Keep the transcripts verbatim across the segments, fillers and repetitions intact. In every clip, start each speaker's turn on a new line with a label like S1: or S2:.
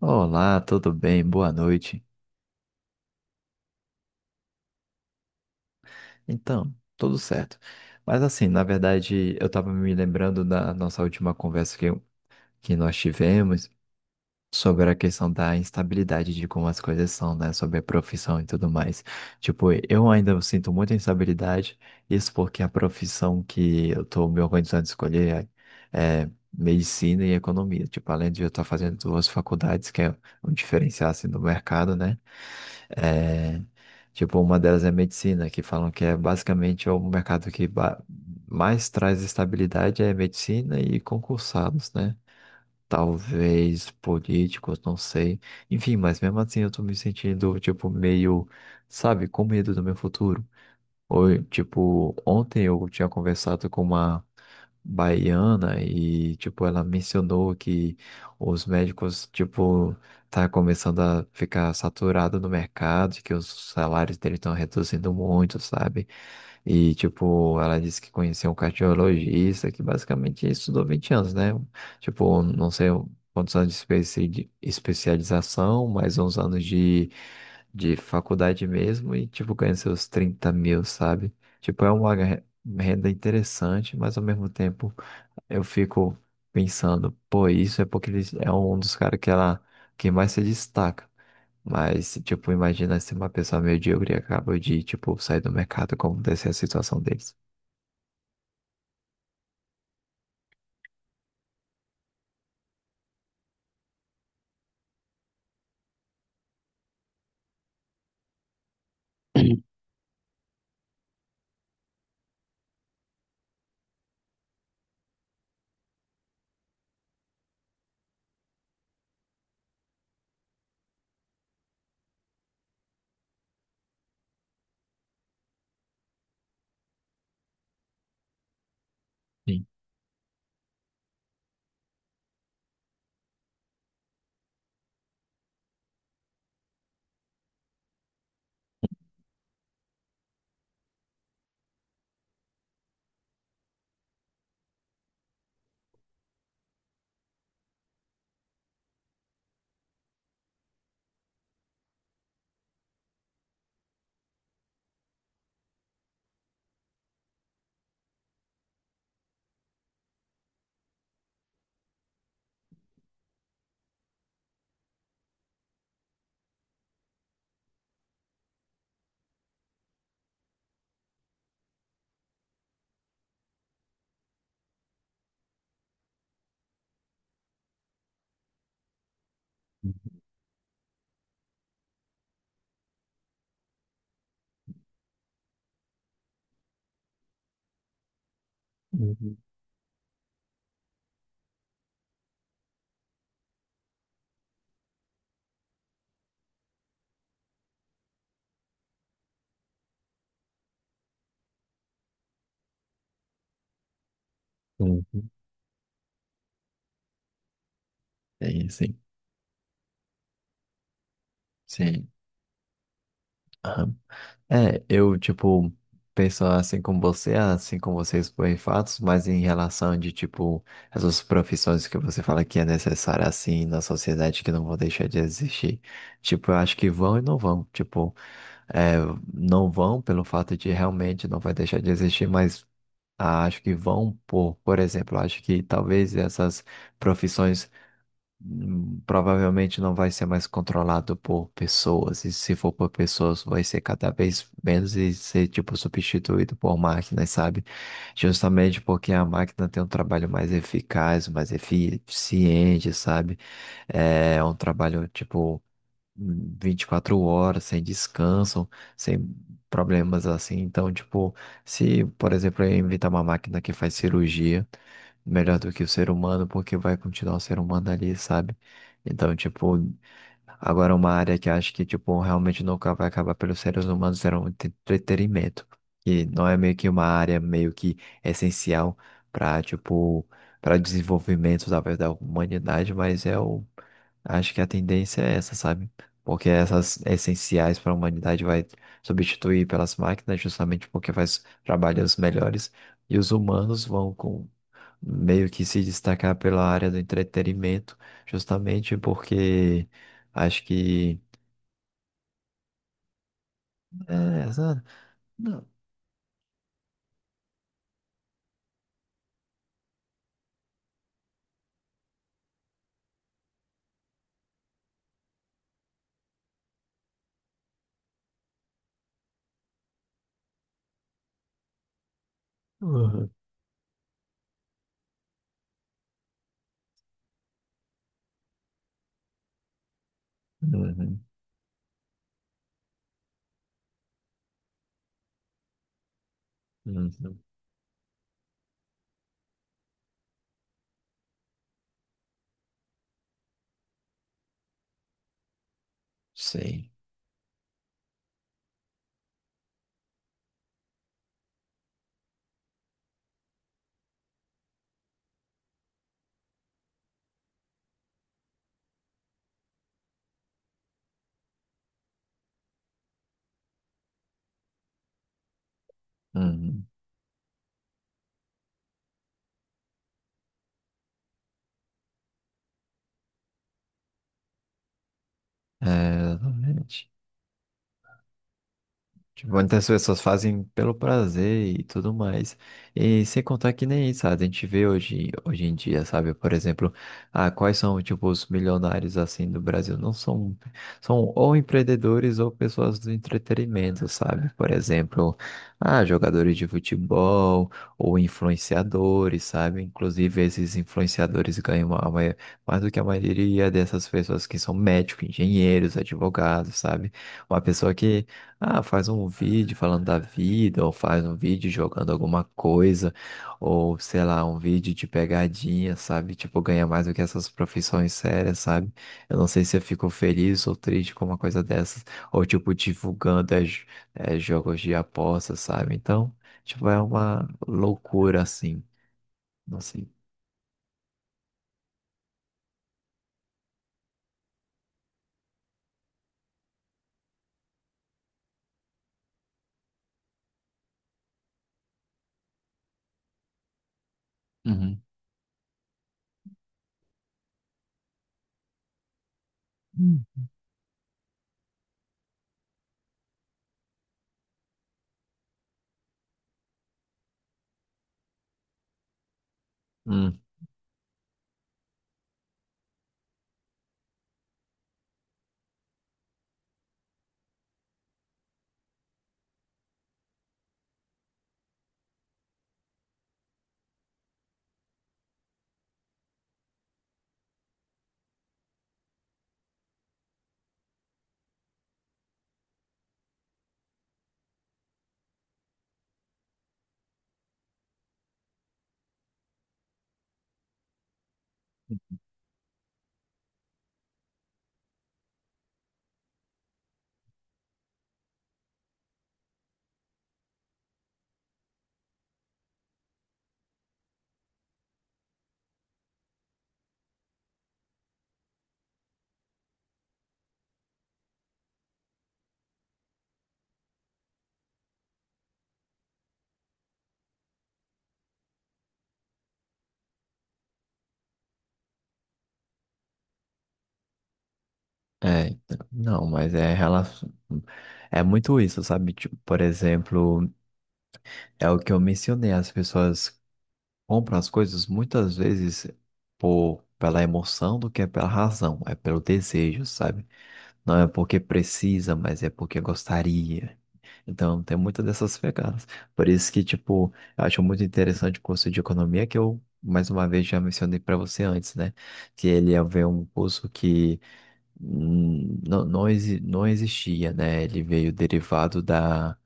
S1: Olá, tudo bem? Boa noite. Então, tudo certo. Mas assim, na verdade, eu estava me lembrando da nossa última conversa que, eu- que nós tivemos sobre a questão da instabilidade de como as coisas são, né? Sobre a profissão e tudo mais. Tipo, eu ainda sinto muita instabilidade, isso porque a profissão que eu estou me organizando a escolher é, é medicina e economia. Tipo, além de eu estar fazendo duas faculdades, que é um diferencial assim, do mercado, né? É. Tipo, uma delas é medicina, que falam que é basicamente é o mercado que ba- mais traz estabilidade é medicina e concursados, né? Talvez políticos, não sei. Enfim, mas mesmo assim eu tô me sentindo, tipo, meio, sabe, com medo do meu futuro. Oi, tipo, ontem eu tinha conversado com uma baiana e, tipo, ela mencionou que os médicos, tipo, tá começando a ficar saturado no mercado, e que os salários dele estão reduzindo muito, sabe? E, tipo, ela disse que conheceu um cardiologista que basicamente estudou vinte anos, né? Tipo, não sei quantos anos de especi- de especialização, mais uns anos de de faculdade mesmo e, tipo, ganha seus trinta mil, sabe? Tipo, é uma re- renda interessante, mas ao mesmo tempo eu fico pensando, pô, isso é porque ele é um dos caras que ela que mais se destaca. Mas, tipo, imagina se uma pessoa medíocre acaba de, tipo, sair do mercado, como deve ser a situação deles. Sim. Uhum. Uhum. Sim, sim. Sim. Aham. É, eu, tipo, penso assim como você, assim como vocês por fatos, mas em relação de, tipo, essas profissões que você fala que é necessária, assim, na sociedade, que não vão deixar de existir. Tipo, eu acho que vão e não vão. Tipo, é, não vão pelo fato de realmente não vai deixar de existir, mas ah, acho que vão por, por exemplo, acho que talvez essas profissões hum, provavelmente não vai ser mais controlado por pessoas, e se for por pessoas, vai ser cada vez menos e ser, tipo, substituído por máquinas, sabe? Justamente porque a máquina tem um trabalho mais eficaz, mais eficiente, sabe? É um trabalho, tipo, vinte e quatro horas, sem descanso, sem problemas assim. Então, tipo, se, por exemplo, eu inventar uma máquina que faz cirurgia, melhor do que o ser humano, porque vai continuar o ser humano ali, sabe? Então, tipo, agora uma área que acho que, tipo, realmente nunca vai acabar pelos seres humanos era o entre- entretenimento, que não é meio que uma área meio que essencial para, tipo, para desenvolvimento, talvez, da humanidade, mas é o acho que a tendência é essa, sabe? Porque essas essenciais para a humanidade vai substituir pelas máquinas, justamente porque faz trabalhos melhores, e os humanos vão com- meio que se destacar pela área do entretenimento, justamente porque acho que. É, sabe? Não. Uhum. Uhum. Uhum. Sei. Uhum. É, exatamente. Tipo, muitas pessoas fazem pelo prazer e tudo mais. E sem contar que nem isso, sabe? A gente vê hoje, hoje em dia, sabe? Por exemplo, ah, quais são, tipo, os milionários, assim, do Brasil? Não são... São ou empreendedores ou pessoas do entretenimento, sabe? Por exemplo, ah, jogadores de futebol ou influenciadores, sabe? Inclusive, esses influenciadores ganham a mai- mais do que a maioria dessas pessoas que são médicos, engenheiros, advogados, sabe? Uma pessoa que ah, faz um vídeo falando da vida, ou faz um vídeo jogando alguma coisa, ou sei lá, um vídeo de pegadinha, sabe? Tipo, ganha mais do que essas profissões sérias, sabe? Eu não sei se eu fico feliz ou triste com uma coisa dessas, ou tipo, divulgando é, j- é, jogos de aposta, sabe? Então, tipo, é uma loucura assim, não sei. Uhum. Hum. Hum, é, então, não, mas é relação. É muito isso, sabe? Tipo, por exemplo. É o que eu mencionei, as pessoas compram as coisas muitas vezes por, pela emoção do que é pela razão, é pelo desejo, sabe? Não é porque precisa, mas é porque gostaria. Então tem muitas dessas pegadas. Por isso que, tipo, eu acho muito interessante o curso de economia que eu, mais uma vez, já mencionei para você antes, né? Que ele é um curso que hum, não, não, exi- não existia, né? Ele veio derivado da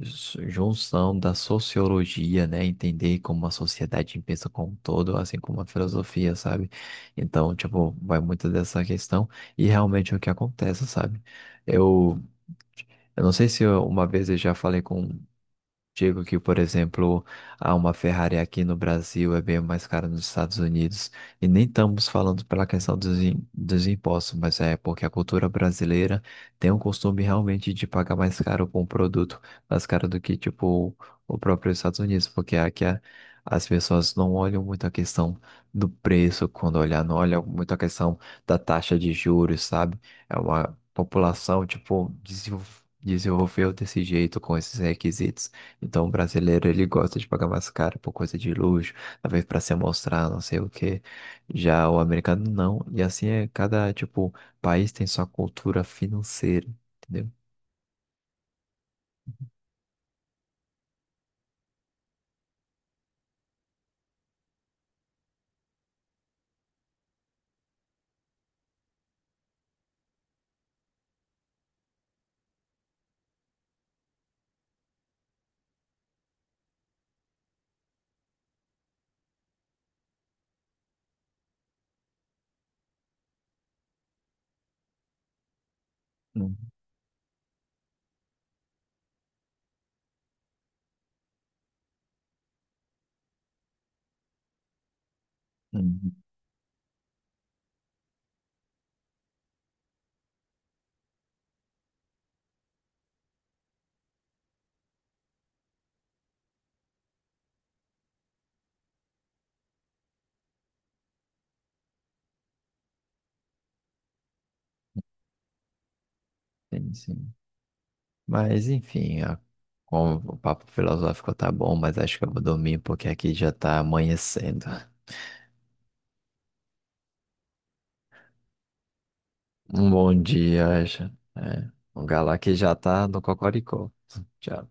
S1: s- junção da sociologia, né? Entender como a sociedade pensa como um todo, assim como a filosofia, sabe? Então, tipo, vai muito dessa questão e realmente é o que acontece, sabe? Eu, eu não sei se eu- uma vez eu já falei com digo que, por exemplo, há uma Ferrari aqui no Brasil é bem mais cara nos Estados Unidos. E nem estamos falando pela questão dos, im- dos impostos, mas é porque a cultura brasileira tem um costume realmente de pagar mais caro por um produto, mais caro do que, tipo, o próprio Estados Unidos, porque aqui a- as pessoas não olham muito a questão do preço quando olhar, não olham muito a questão da taxa de juros, sabe? É uma população, tipo, desenvol- desenvolveu desse jeito com esses requisitos. Então, o brasileiro, ele gosta de pagar mais caro por coisa de luxo, talvez para se mostrar, não sei o quê. Já o americano não. E assim é, cada, tipo, país tem sua cultura financeira, entendeu? Uhum, uhum. Sim, sim. Mas, enfim, a- com- o papo filosófico tá bom, mas acho que eu vou dormir porque aqui já tá amanhecendo. Um bom dia, acha? É, o galá que já tá no cocoricó. Tchau.